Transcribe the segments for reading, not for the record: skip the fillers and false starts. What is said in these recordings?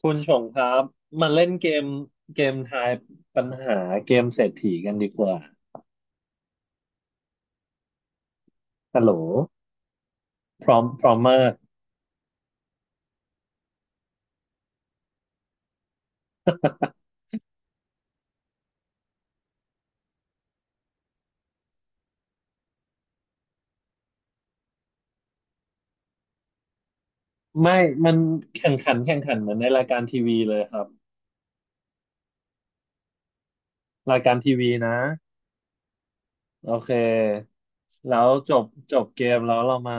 คุณชงครับมาเล่นเกมเกมทายปัญหาเกมเศรษฐีกันดีกว่าฮัลโหลพร้อมพร้อมมากไม่มันแข่งขันแข่งขันเหมือนในรายการทีวีเลยครับรายการทีวีนะโอเคแล้วจบจบเกมแล้วเรามา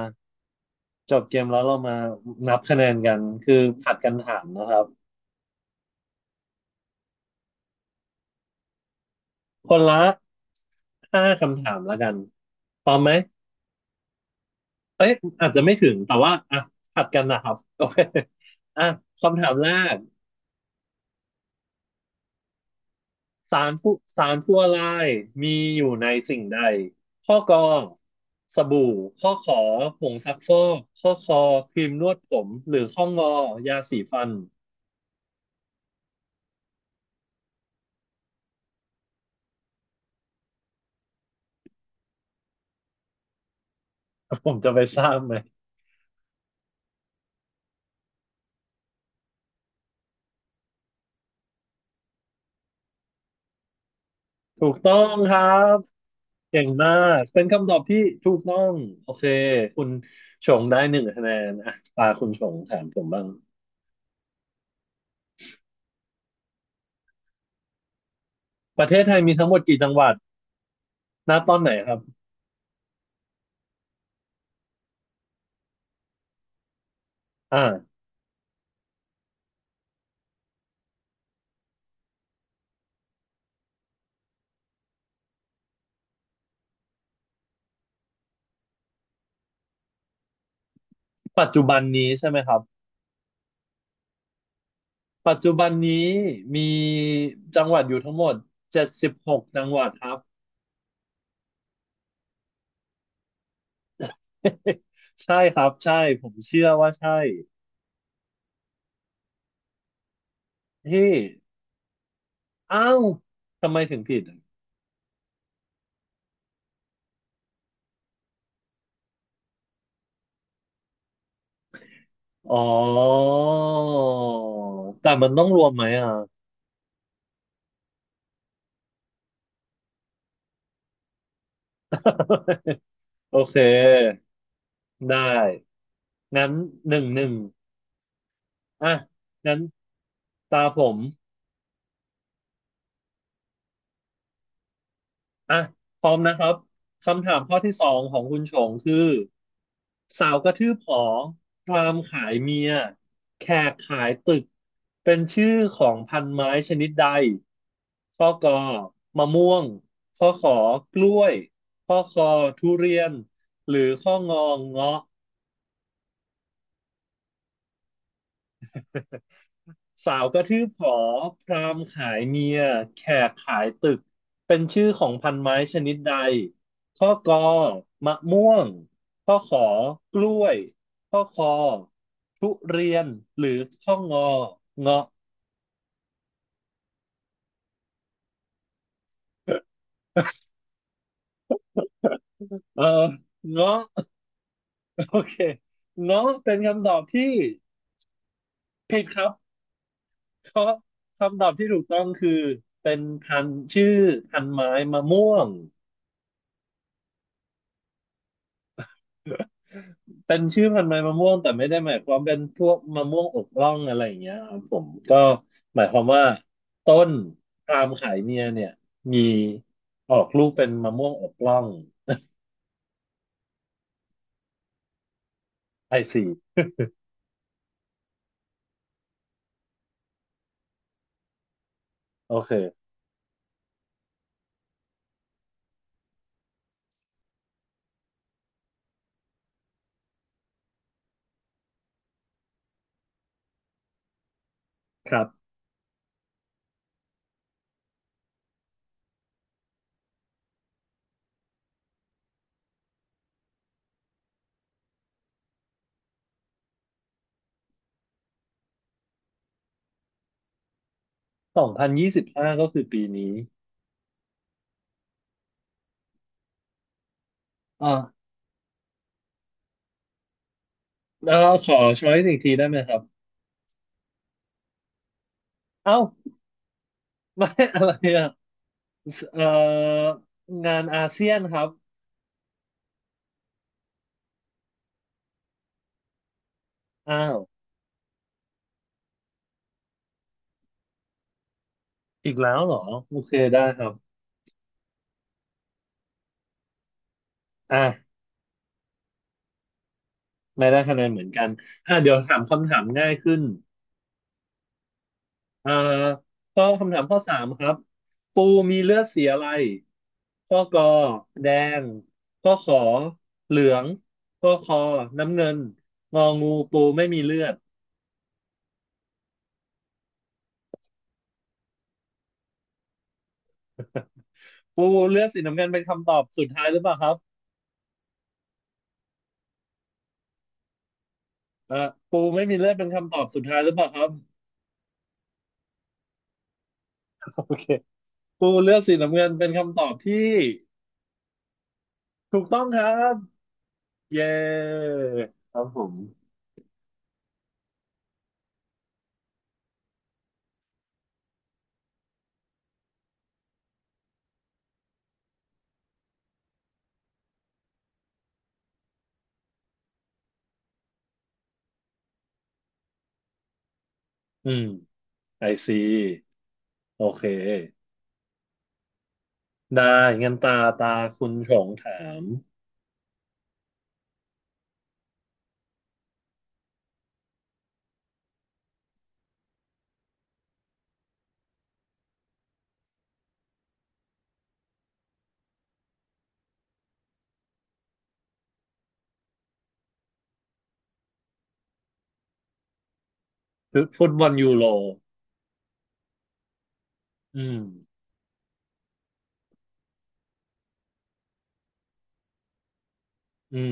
จบเกมแล้วเรามานับคะแนนกันคือผัดกันถามนะครับคนละห้าคำถามแล้วกันพร้อมไหม เอ้ยอาจจะไม่ถึงแต่ว่าอ่ะผัดกันนะครับโอเคอ่ะคำถามแรกสารผู้สารผู้อะไรมีอยู่ในสิ่งใดข้อกอสบู่ข้อขอผงซักฟอกข้อคอครีมนวดผมหรือข้องอยาสีฟันผมจะไปทราบไหมถูกต้องครับเก่งมากเป็นคำตอบที่ถูกต้องโอเคคุณชงได้หนึ่งคะแนนอ่ะตาคุณชงถามผมบ้างประเทศไทยมีทั้งหมดกี่จังหวัดณตอนไหนครับอ่า ปัจจุบันนี้ใช่ไหมครับปัจจุบันนี้มีจังหวัดอยู่ทั้งหมดเจ็ดสิบหกจังหวัดครับ ใช่ครับใช่ผมเชื่อว่าใช่ที่อ้าวทำไมถึงผิดอะอ๋อแต่มันต้องรวมไหมอ่ะ โอเคได้งั้นหนึ่งหนึ่งอ่ะงั้นตาผม อ่ะพร้อมนะครับคำถามข้อที่สองของคุณชงคือสาวกระทืบหอพราหมณ์ขายเมียแขกขายตึกเป็นชื่อของพันไม้ชนิดใดข้อกอมะม่วงข้อขอกล้วยข้อคอทุเรียนหรือข้องอเงาะ สาวกระทืบหอพราหมณ์ขายเมียแขกขายตึกเป็นชื่อของพันไม้ชนิดใดข้อกอมะม่วงข้อขอกล้วยข้อคอทุเรียนหรือข้องอเงาะเออเงาะโอเคเงาะเป็นคำตอบที่ผิดครับเพราะคำตอบที่ถูกต้องคือเป็นพันธุ์ชื่อพันธุ์ไม้มะม่วง เป็นชื่อพันธุ์ไม้มะม่วงแต่ไม่ได้หมายความเป็นพวกมะม่วงอกร่องอะไรอย่างเงี้ยครับผมก็หมายความว่าต้นพาล์มขายเมียเนี่ยมีออกลูกเป็นมะม่วงอกร่องไอซีโอเคครับสองพันยี่สิบห้าก็คือปีนี้อ่าแล้วขอช้อยส์อีกทีได้ไหมครับเอ้าไม่อะไรอ่ะเอ่องานอาเซียนครับอ้าวอีกแล้วเหรอโอเคได้ครับอ่ะไม่ได้คะแนนเหมือนกันอ่ะเดี๋ยวถามคำถามง่ายขึ้น อ่าข้อคำถามข้อสามครับปูมีเลือดสีอะไรข้อกอแดงข้อขอเหลืองข้อคอน้ำเงินงองูปูไม่มีเลือดปูเลือดสีน้ำเงินเป็นคำตอบสุดท้ายหรือเปล่าครับอ่าปูไม่มีเลือดเป็นคำตอบสุดท้ายหรือเปล่าครับโอเคปูเลือดสีน้ำเงินเป็นคำตอบที่ถูกต้องครับเย้ครับผมอืมไอซีโอเคได้งั้นตาคุณชงถาม คือฟุตบอลยูโรอืมอืม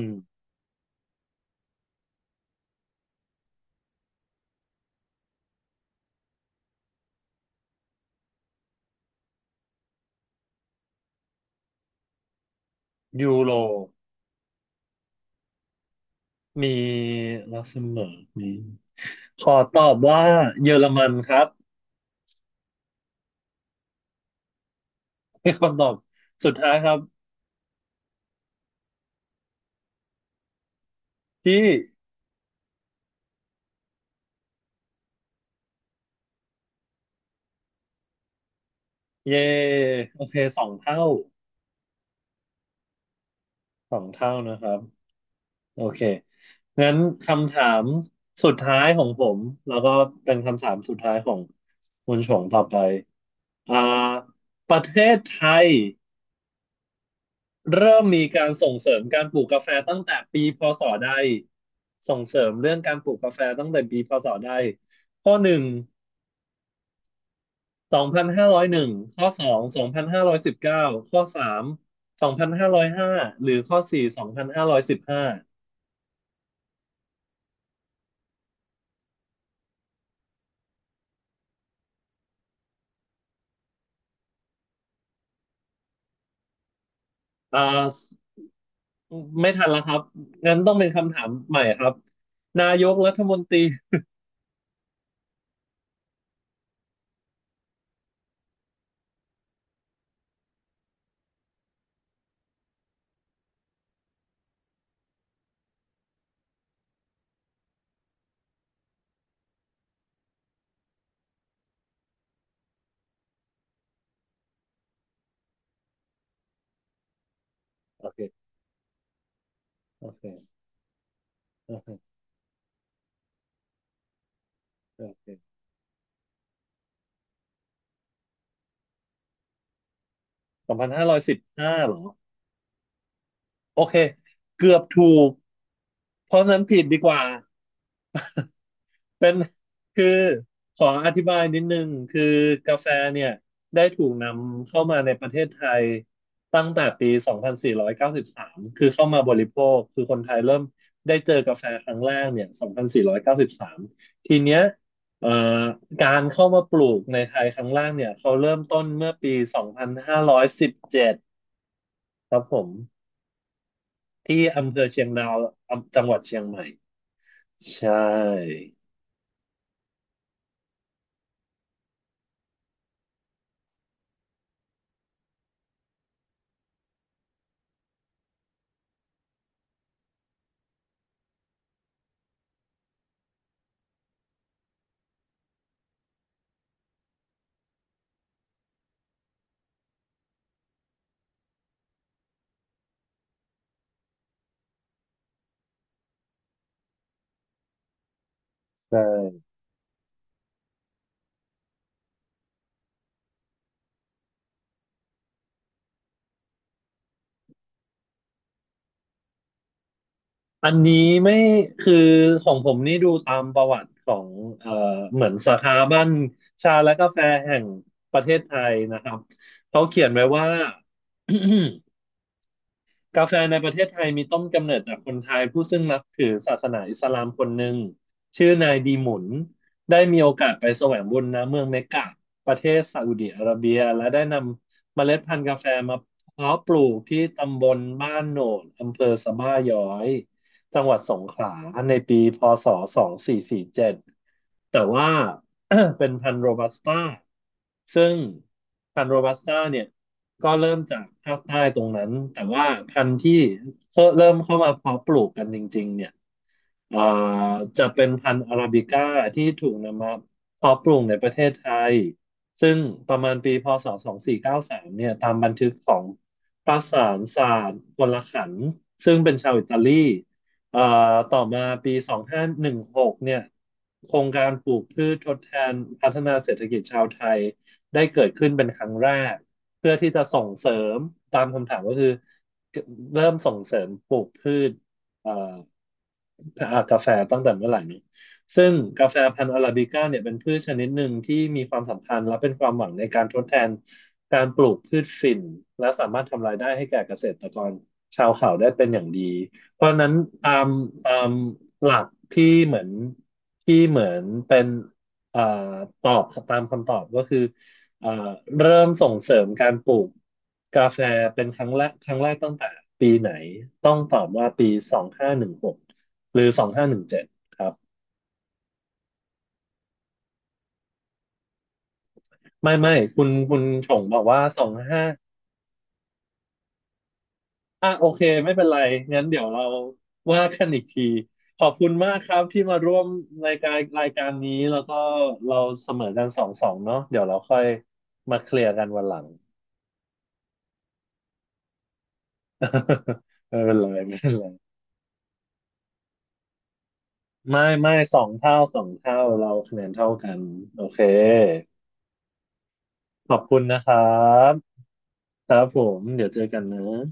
ยูโรมีลักเซมเบิร์กมีขอตอบว่าเยอรมันครับ เป็นคำตอบสุดท้ายครับที่เย่โอเคสองเท่าสองเท่านะครับโอเคงั้นคำถามสุดท้ายของผมแล้วก็เป็นคำถามสุดท้ายของคุณชงต่อไปอ่าประเทศไทย เริ่มมีการส่งเสริมการปลูกกาแฟตั้งแต่ปีพศใดส่งเสริมเรื่องการปลูกกาแฟตั้งแต่ปีพศใดข้อหนึ่งสองพันห้าร้อยหนึ่งข้อสองสองพันห้าร้อยสิบเก้าข้อสามสองพันห้าร้อยห้าหรือข้อสี่สองพันห้าร้อยสิบห้าอ่าไม่ทันแล้วครับงั้นต้องเป็นคำถามใหม่ครับนายกรัฐมนตรีโอเคโอเคโอเคโอเคสองพันห้าร้อยสิบห้าเหรอโอเคเกือบถูกเพราะฉะนั้นผิดดีกว่า เป็น คือขออธิบายนิดนึงคือกาแฟเนี่ยได้ถูกนำเข้ามาในประเทศไทยตั้งแต่ปี 2493 คือเข้ามาบริโภคคือคนไทยเริ่มได้เจอกาแฟครั้งแรกเนี่ย2493 ทีเนี้ยเอ่อการเข้ามาปลูกในไทยครั้งแรกเนี่ยเขาเริ่มต้นเมื่อปี 2517 ครับผมที่อำเภอเชียงดาวอำจังหวัดเชียงใหม่ใช่ใช่ อันนี้ไม่คือของผมนี่ดูตามประวัติของเอ่อเหมือนสถาบันชาและกาแฟแห่งประเทศไทยนะครับเขาเขียนไว้ว่า กาแฟในประเทศไทยมีต้นกำเนิดจากคนไทยผู้ซึ่งนับถือศาสนาอิสลามคนหนึ่งชื่อนายดีหมุนได้มีโอกาสไปแสวงบุญณเมืองเมกกะประเทศซาอุดิอาระเบียและได้นำเมล็ดพันธุ์กาแฟมาเพาะปลูกที่ตำบลบ้านโหนดอำเภอสะบ้าย้อยจังหวัดสงขลาในปีพศ2447แต่ว่า เป็นพันธุ์โรบัสต้าซึ่งพันธุ์โรบัสต้าเนี่ย ก็เริ่มจากภาคใต้ตรงนั้นแต่ว่าพันธุ์ที่เริ่มเข้ามาเพาะปลูกกันจริงๆเนี่ย เอ่อจะเป็นพันธุ์อาราบิก้าที่ถูกนำมาเพาะปลูกในประเทศไทยซึ่งประมาณปีพศ2493เก้าสิบสามเนี่ยตามบันทึกของประสานศาสตร์พลขันธ์ซึ่งเป็นชาวอิตาลีเอ่อต่อมาปี2516เนี่ยโครงการปลูกพืชทดแทนพัฒนาเศรษฐกิจชาวไทยได้เกิดขึ้นเป็นครั้งแรกเพื่อที่จะส่งเสริมตามคำถามก็คือเริ่มส่งเสริมปลูกพืชเอ่อ อาบกาแฟตั้งแต่เมื่อไหร่นี้ซึ่งกาแฟพันธุ์อาราบิก้าเนี่ยเป็นพืชชนิดหนึ่งที่มีความสำคัญและเป็นความหวังในการทดแทนการปลูกพืชฝิ่นและสามารถทำรายได้ให้แก่เกษตรกรชาวเขาได้เป็นอย่างดี เพราะฉะนั้นตามตามหลักที่เหมือนเป็นอ่าตอบตามคำตอบก็คืออ่าเริ่มส่งเสริมการปลูกกาแฟเป็นครั้งแรกตั้งแต่ปีไหนต้องตอบว่าปีสองห้าหนึ่งหก หรือสองห้าหนึ่งเจ็ดครับไม่ไม่คุณชงบอกว่าสองห้าอ่ะโอเคไม่เป็นไรงั้นเดี๋ยวเราว่ากันอีกทีขอบคุณมากครับที่มาร่วมรายการนี้แล้วก็เราเสมอกันสองสองเนาะเดี๋ยวเราค่อยมาเคลียร์กันวันหลัง ไม่เป็นไรไม่เป็นไรไม่ไม่สองเท่าสองเท่าเราคะแนนเท่ากันโอเคขอบคุณนะครับครับผมเดี๋ยวเจอกันนะ